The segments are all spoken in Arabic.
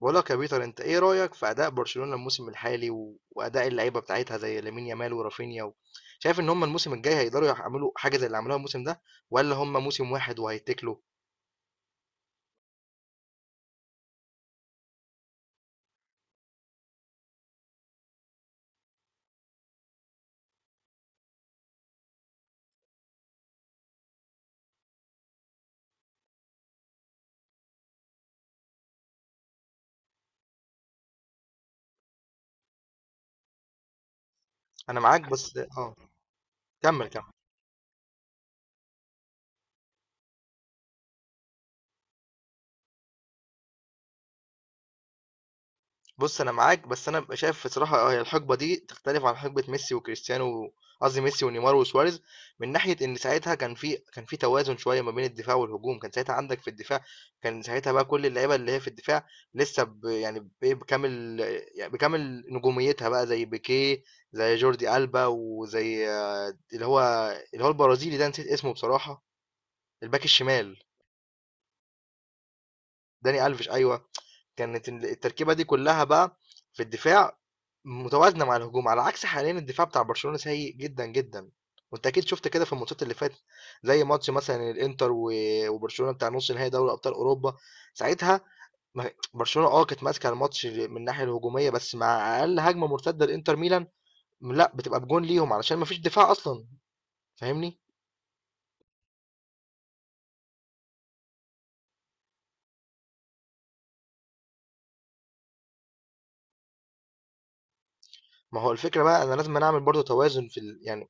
بقول لك يا بيتر، انت ايه رأيك في اداء برشلونة الموسم الحالي و... واداء اللعيبة بتاعتها زي لامين يامال ورافينيا شايف ان هم الموسم الجاي هيقدروا يعملوا حاجة زي اللي عملوها الموسم ده، ولا هم موسم واحد وهيتكلوا؟ انا معاك بس اه كمل كمل. بُص، أنا معاك، بس أنا بابقى شايف بصراحة، هي الحقبة دي تختلف عن حقبة ميسي وكريستيانو، قصدي ميسي ونيمار وسواريز، من ناحية إن ساعتها كان في توازن شوية ما بين الدفاع والهجوم. كان ساعتها عندك في الدفاع، كان ساعتها بقى كل اللعيبة اللي هي في الدفاع لسه يعني بإيه، بكامل نجوميتها بقى، زي بيكيه، زي جوردي ألبا، وزي اللي هو اللي هو البرازيلي ده، نسيت اسمه بصراحة، الباك الشمال، داني ألفيش أيوه. كانت التركيبة دي كلّها بقى في الدفاع متوازنة مع الهجوم، على عكس حاليًا الدفاع بتاع برشلونة سيء جدًا، جدًا، وأنت أكيد شُفت كده في الماتشات اللي فاتت، زي ماتش مثلًا الإنتر وبرشلونة بتاع نُص نهائي دوري أبطال أوروبا. ساعتها ما برشلونة كانت ماسكة الماتش من الناحية الهجومية، بس مع أقل هجمة مرتدة لإنتر ميلان، لأ، بتبقى بجون ليهم علشان ما فيش دفاع أصلًا. فاهمني؟ ما هو الفكرة بقى، أنا لازمًا أعمل برضه توازن في يعني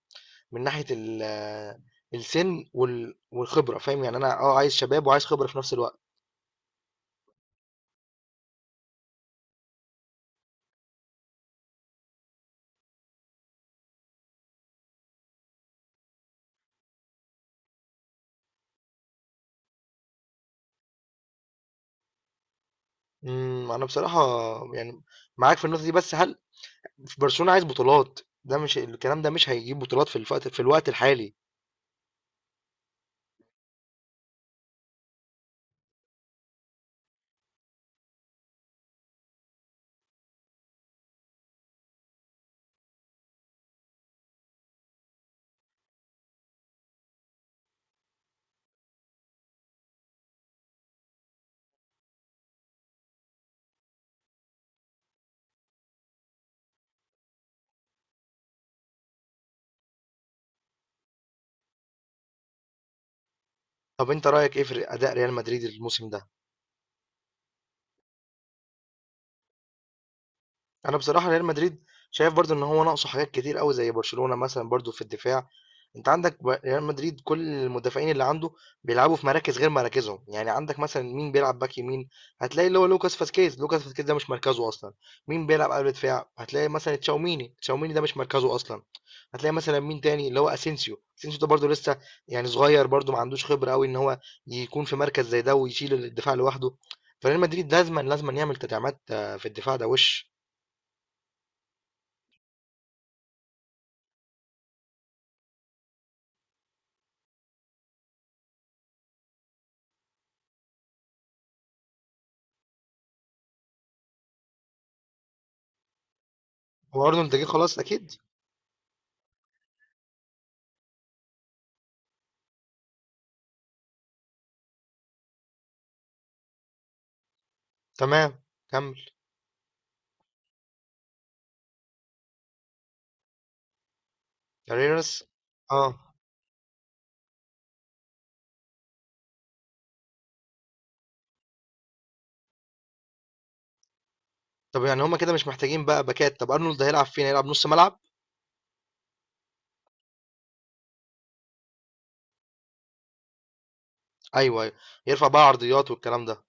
من ناحية السن والخبرة، فاهم يعني؟ انا عايز شباب وعايز خبرة في نفس الوقت. انا بصراحة يعني معاك في النقطة دي، بس هل في برشلونة عايز بطولات؟ ده مش الكلام ده مش هيجيب بطولات في الوقت الحالي. طب انت رأيك ايه في اداء ريال مدريد الموسم ده؟ انا بصراحه ريال مدريد شايف برضو ان هو ناقصه حاجات كتير قوي زي برشلونه مثلا، برضو في الدفاع. انت عندك ريال مدريد كل المدافعين اللي عنده بيلعبوا في مراكز غير مراكزهم، يعني عندك مثلا مين بيلعب باك يمين؟ هتلاقي اللي هو لوكاس فاسكيز، لوكاس فاسكيز ده مش مركزه اصلا. مين بيلعب قلب دفاع؟ هتلاقي مثلا تشاوميني، تشاوميني ده مش مركزه اصلا. هتلاقي مثلا مين تاني، اللي هو اسينسيو، اسينسيو ده برضو لسه يعني صغير، برضو ما عندوش خبره قوي ان هو يكون في مركز زي ده ويشيل الدفاع لوحده. فريال مدريد لازما لازما يعمل تدعيمات، في الدفاع ده وش. هو ارنولد جه خلاص اكيد؟ تمام، كمل. كاريرس. اه طب يعني هما كده مش محتاجين بقى باكات؟ طب ارنولد هيلعب فين؟ هيلعب نص ملعب؟ ايوه، ايوه، يرفع بقى عرضيات والكلام ده.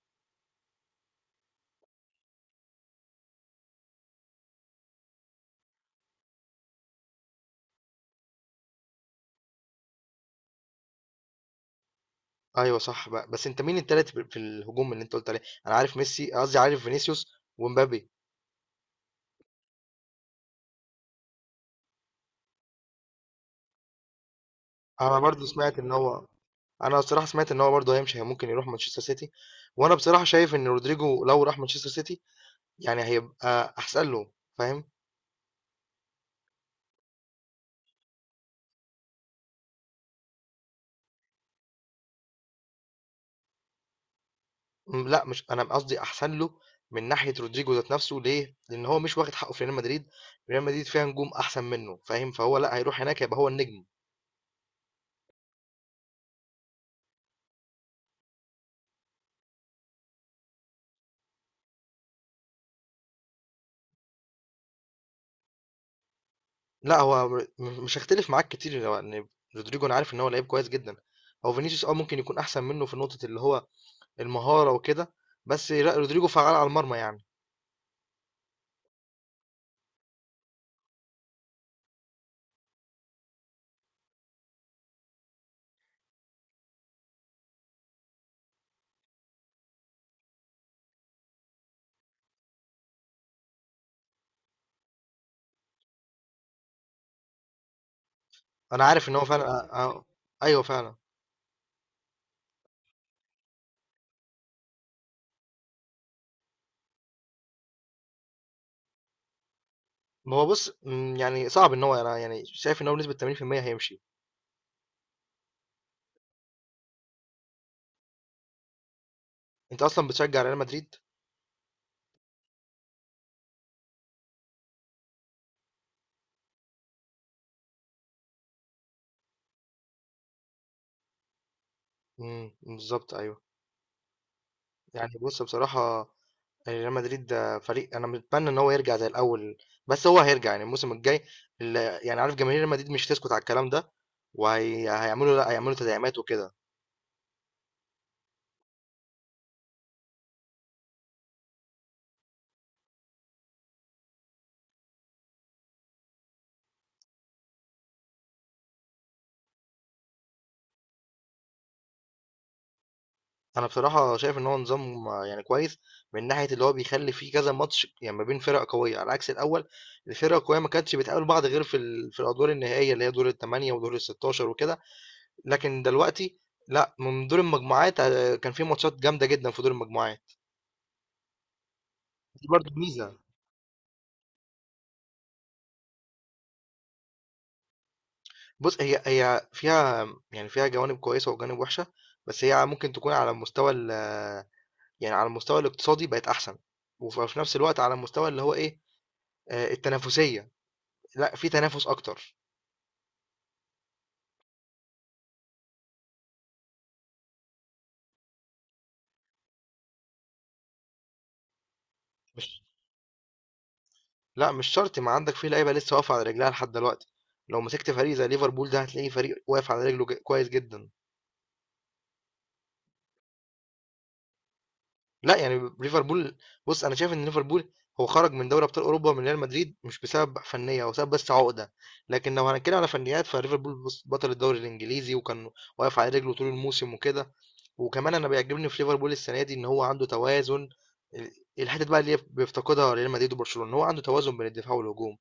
ايوه صح بقى، بس انت مين التالت في الهجوم اللي انت قلت عليه؟ انا عارف ميسي، قصدي عارف فينيسيوس ومبابي. انا برضو سمعت ان هو انا بصراحه سمعت ان هو برضو هيمشي، ممكن يروح مانشستر سيتي. وانا بصراحه شايف ان رودريجو لو راح مانشستر سيتي يعني هيبقى احسن له، فاهم؟ لأ، مش أنا قصدي أحسن له من ناحية رودريجو ذات نَفْسه، ليه؟ لإن هو مش واخد حقّه في ريال مدريد، ريال مدريد فيها نجوم أحسن منّه، فاهم؟ فهو لأ، هيروح هناك هيبقى هو النجم. لأ، هو مش هاختلف معاك كتير، هو إن رودريجو أنا عارف إن هو لعيب كويس جدًا، هو فينيسيوس ممكن يكون أحسن منّه في نقطة اللي هو المهارة وكده، بس لأ، رودريجو فعّال على المرمى يعني. أنا عارف إن هو فعلًا أ أ أيوه فعلًا. ما هو بُص، يعني صعب، إن هو أنا يعني شايف إن هو بنسبة 80% هيمشي. أنت أصلًا بتشجّع ريال مدريد؟ بالضبط، أيوه. يعني بص بصراحة، يعني ريال مدريد ده فريق أنا متمنى إن هو يرجع زي الأول، بس هو هيرجع يعني الموسم الجاي، ال- يعني عارف جماهير ريال مدريد مش هتسكت على الكلام ده، وهيعملوا لا هيعملوا تدعيمات وكده. أنا بصراحة شايف إن هو نظام، يعني كويس، من ناحية اللي هو بيخلي فيه كذا ماتش يعني ما بين فرق قوية، على عكس الأول الفرق القوية ما كانتش بتقابل بعض غير في في الأدوار النهائية اللي هي دور الثمانية ودور الستاشر وكده. لكن دلوقتي لا، من دور المجموعات، كان في ماتشات جامدة جدا في دور المجموعات. دي برضه ميزة. بُص، هي فيها، يعني فيها جوانب كويسة وجوانب وِحشة، بس هي ممكن تكون على المستوى يعني على المستوى الاقتصادي بقت أحسن، وفي نفس الوقت على المستوى اللي هو إيه، التنافسية، لأ في تنافس أكتر. مش لأ، مش شرط، ما عندك في لعيبة لسه واقفة على رجلها لحد دلوقتي، لو مسكت فريق زي ليفربول ده هتلاقيه فريق واقف على رجله كويس جدًا. لا يعني ليفربول، بص انا شايف ان ليفربول هو خرج من دوري ابطال اوروبا من ريال مدريد مش بسبب فنيه، هو سبب بس عقده. لكن لو هنتكلم على فنيات فليفربول، بص، بطل الدوري الانجليزي، وكان واقف على رجله طول الموسم وكده. وكمان انا بيعجبني في ليفربول السنه دي ان هو عنده توازن، ال- الحته بقى اللي بيفتقدها ريال مدريد وبرشلونه ان هو عنده توازن بين الدفاع والهجوم.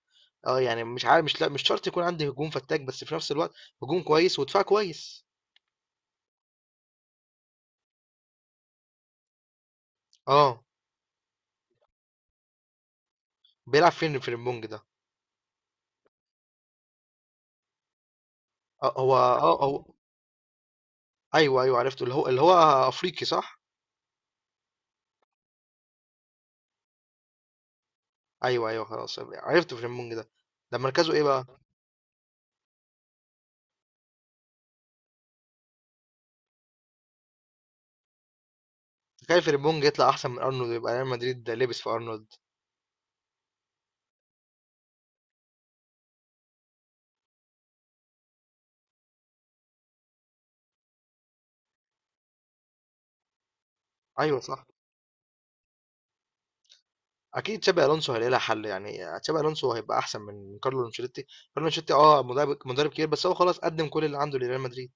اه يعني مش عارف، مش لا، مش شرط يكون عندي هجوم فتاك، بس في نفس الوقت هجوم كويس ودفاع كويس. اه بيلعب فين في البونج ده؟ اه هو اه هو أيوه، أيوه عرفته، اللي هو أفريقي صح؟ أيوه، أيوه، خلاص عرفت فريمبونج ده، ده مركزه إيه بقى؟ تخيل فريمبونج يطلع أحسن من أرنولد، ويبقى ريال مدريد لبس في أرنولد. أيوه صح، أكيد تشابي ألونسو هيلاقي لها حل، يعني تشابي ألونسو هيبقى أحسن من كارلو أنشيلوتي، كارلو أنشيلوتي مدرب مدرب كبير، بس هو خلاص قدم كل اللي عنده لريال مدريد.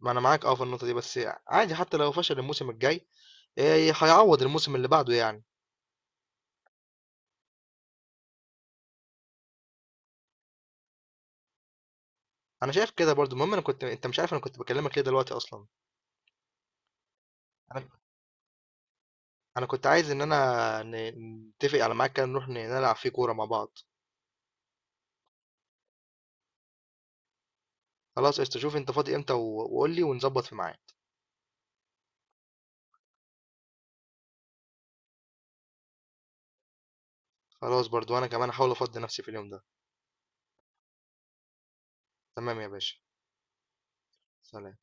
ما أنا معاك في النقطة دي، بس عادي، حتى لو فشل الموسم الجاي إيه، هيعوض الموسم اللي بعده يعني. أنا شايف كده برضو. المهم، أنا كنت أنت مش عارف أنا كنت بكلمك ليه دلوقتي أصلا. انا كنت عايز ان انا نتفق على ميعاد كده نروح نلعب فيه كوره مع بعض. خلاص قشطة، شوف انت فاضي امتى و- وقول لي ونظبط في ميعاد. خلاص برضو انا كمان هحاول افضي نفسي في اليوم ده. تمام يا باشا. سلام.